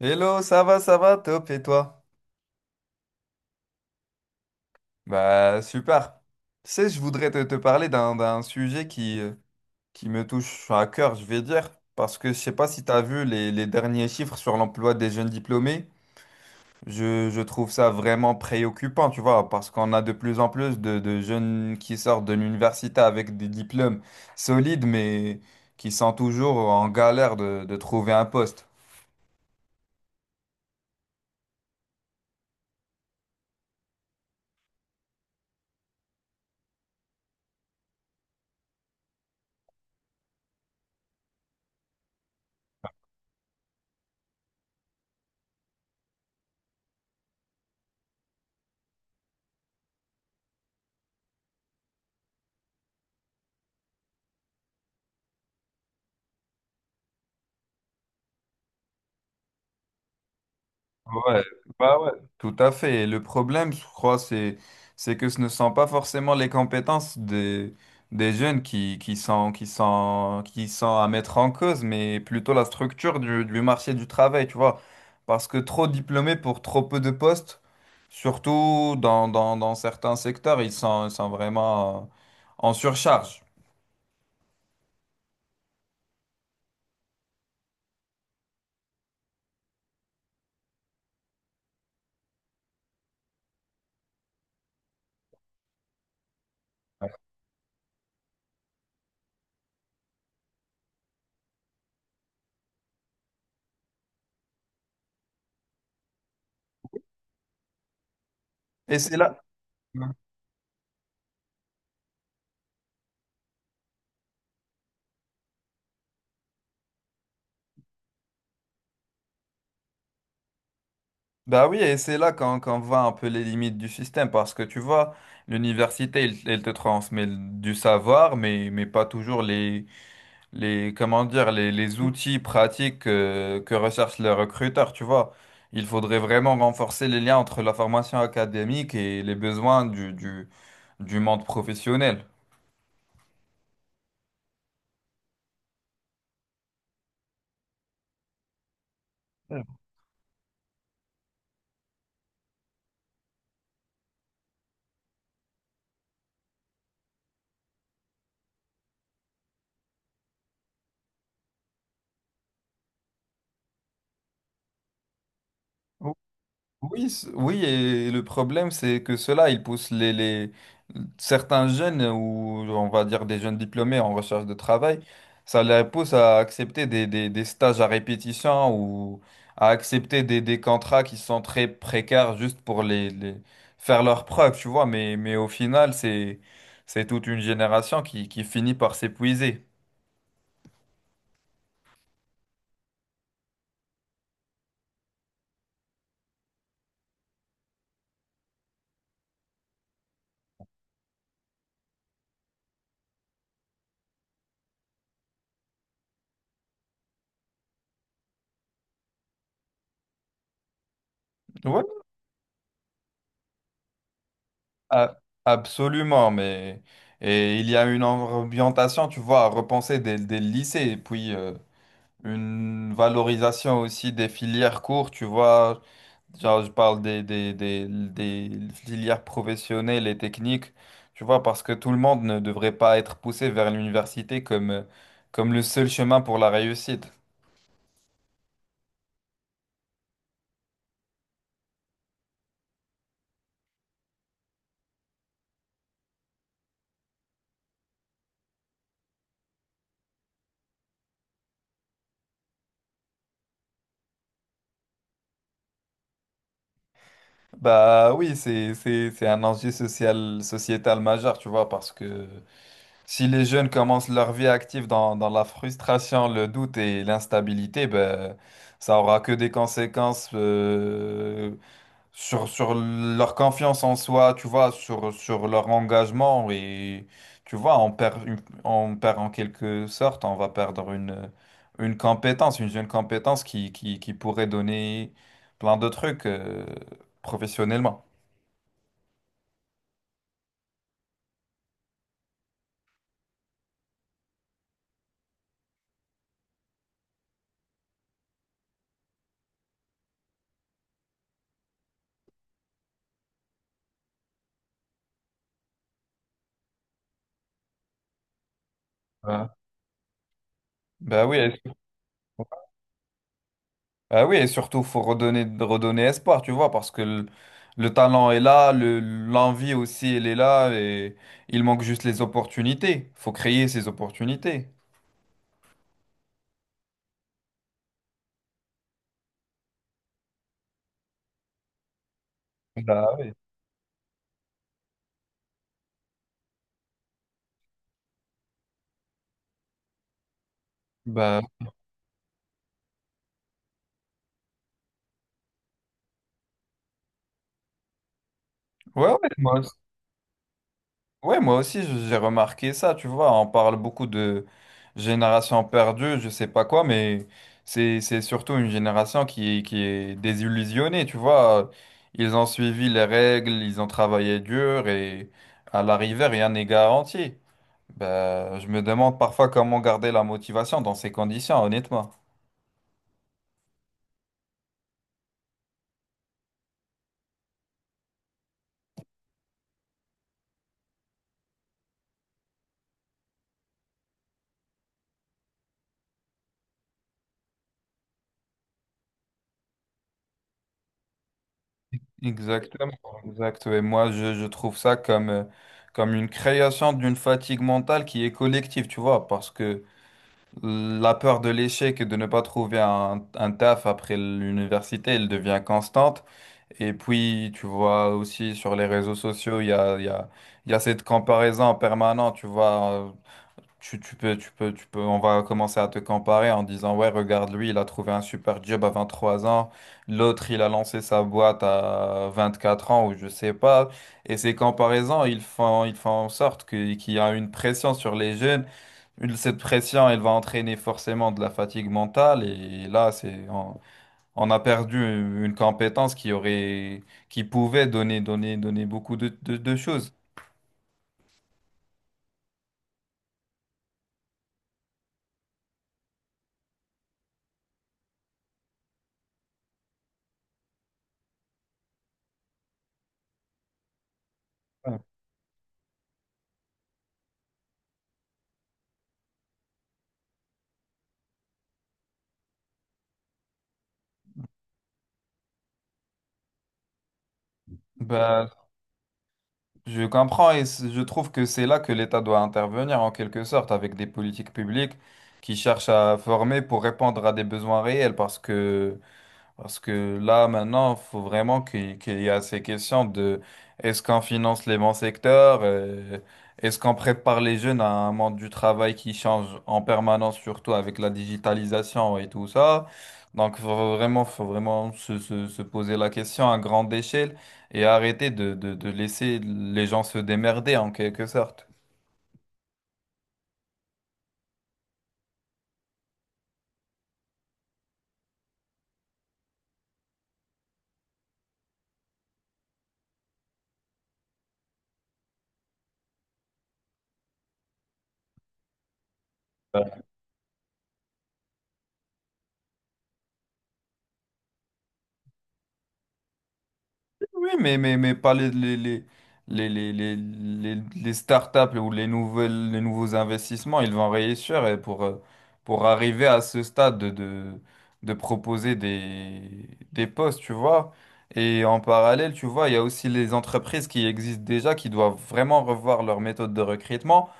Hello, ça va, top, et toi? Bah, super. Tu sais, je voudrais te parler d'un sujet qui me touche à cœur, je vais dire, parce que je sais pas si tu as vu les derniers chiffres sur l'emploi des jeunes diplômés. Je trouve ça vraiment préoccupant, tu vois, parce qu'on a de plus en plus de jeunes qui sortent de l'université avec des diplômes solides, mais qui sont toujours en galère de trouver un poste. Ouais, bah ouais, tout à fait. Et le problème, je crois, c'est que ce ne sont pas forcément les compétences des jeunes qui sont à mettre en cause, mais plutôt la structure du marché du travail, tu vois. Parce que trop diplômés pour trop peu de postes, surtout dans certains secteurs, ils sont vraiment en surcharge. Et c'est là. Bah oui, et c'est là qu'on voit un peu les limites du système, parce que tu vois, l'université, elle, elle te transmet du savoir, mais pas toujours comment dire, les outils pratiques que recherchent les recruteurs, tu vois. Il faudrait vraiment renforcer les liens entre la formation académique et les besoins du monde professionnel. Oui, oui, et le problème, c'est que cela, il pousse certains jeunes, ou on va dire des jeunes diplômés en recherche de travail, ça les pousse à accepter des stages à répétition ou à accepter des contrats qui sont très précaires juste pour faire leurs preuves, tu vois. Mais au final, c'est toute une génération qui finit par s'épuiser. Ouais. Ah, absolument, mais et il y a une orientation, tu vois, à repenser des lycées, et puis une valorisation aussi des filières courtes, tu vois, genre je parle des filières professionnelles et techniques, tu vois, parce que tout le monde ne devrait pas être poussé vers l'université comme, comme le seul chemin pour la réussite. Bah oui, c'est un enjeu social, sociétal majeur, tu vois, parce que... Si les jeunes commencent leur vie active dans la frustration, le doute et l'instabilité, ben, ça aura que des conséquences sur, sur leur confiance en soi, tu vois, sur, sur leur engagement. Et tu vois, on perd en quelque sorte, on va perdre une compétence, une jeune compétence qui pourrait donner plein de trucs professionnellement. Ouais. Ben oui, ah oui, et surtout, faut redonner, redonner espoir, tu vois, parce que le talent est là, le, l'envie aussi, elle est là, et il manque juste les opportunités. Faut créer ces opportunités. Bah oui. Bah, ouais, ouais, moi, aussi- ouais, moi aussi, j'ai remarqué ça, tu vois, on parle beaucoup de génération perdue, je sais pas quoi, mais c'est surtout une génération qui est désillusionnée, tu vois. Ils ont suivi les règles, ils ont travaillé dur, et à l'arrivée, rien n'est garanti. Ben, je me demande parfois comment garder la motivation dans ces conditions, honnêtement. Exactement. Exact. Et moi, je trouve ça comme, comme une création d'une fatigue mentale qui est collective, tu vois, parce que la peur de l'échec et de ne pas trouver un taf après l'université, elle devient constante. Et puis, tu vois aussi sur les réseaux sociaux, il y a cette comparaison permanente, tu vois. Tu tu peux, on va commencer à te comparer en disant, ouais, regarde, lui, il a trouvé un super job à 23 ans, l'autre, il a lancé sa boîte à 24 ans, ou je sais pas. Et ces comparaisons, ils font en sorte qu'il y a une pression sur les jeunes. Cette pression, elle va entraîner forcément de la fatigue mentale, et là, on a perdu une compétence qui pouvait donner beaucoup de choses. Ouais. Bah, je comprends et je trouve que c'est là que l'État doit intervenir en quelque sorte avec des politiques publiques qui cherchent à former pour répondre à des besoins réels parce que là, maintenant, il faut vraiment qu'il y a ces questions de est-ce qu'on finance les bons secteurs, est-ce qu'on prépare les jeunes à un monde du travail qui change en permanence, surtout avec la digitalisation et tout ça. Donc, faut vraiment se poser la question à grande échelle et arrêter de laisser les gens se démerder en quelque sorte. Oui, mais pas les, les startups ou les nouvelles, les nouveaux investissements, ils vont réussir et pour arriver à ce stade de proposer des postes, tu vois. Et en parallèle, tu vois, il y a aussi les entreprises qui existent déjà, qui doivent vraiment revoir leur méthode de recrutement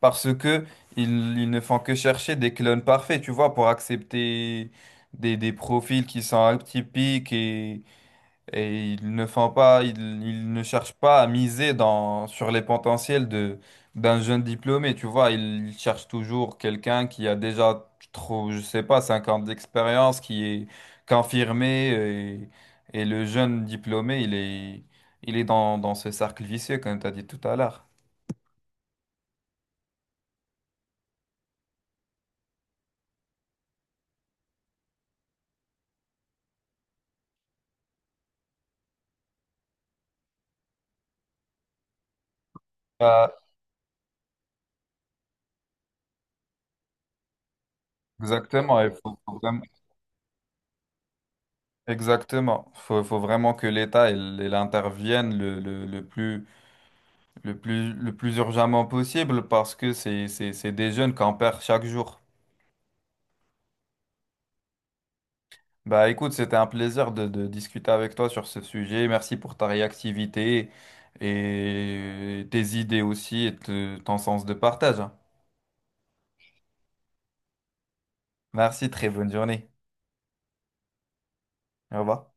parce que ils ne font que chercher des clones parfaits, tu vois, pour accepter des profils qui sont atypiques et ils ne cherchent pas à miser dans, sur les potentiels d'un jeune diplômé, tu vois. Ils cherchent toujours quelqu'un qui a déjà trop, je sais pas, 50 ans d'expérience, qui est confirmé. Et et le jeune diplômé, il est dans, dans ce cercle vicieux, comme tu as dit tout à l'heure. Ah, exactement, il faut, faut vraiment, exactement. Faut vraiment que l'État, il intervienne le plus le plus, le plus urgemment possible parce que c'est des jeunes qu'on perd chaque jour. Bah écoute, c'était un plaisir de discuter avec toi sur ce sujet. Merci pour ta réactivité et tes idées aussi et ton sens de partage. Hein. Merci, très bonne journée. Au revoir.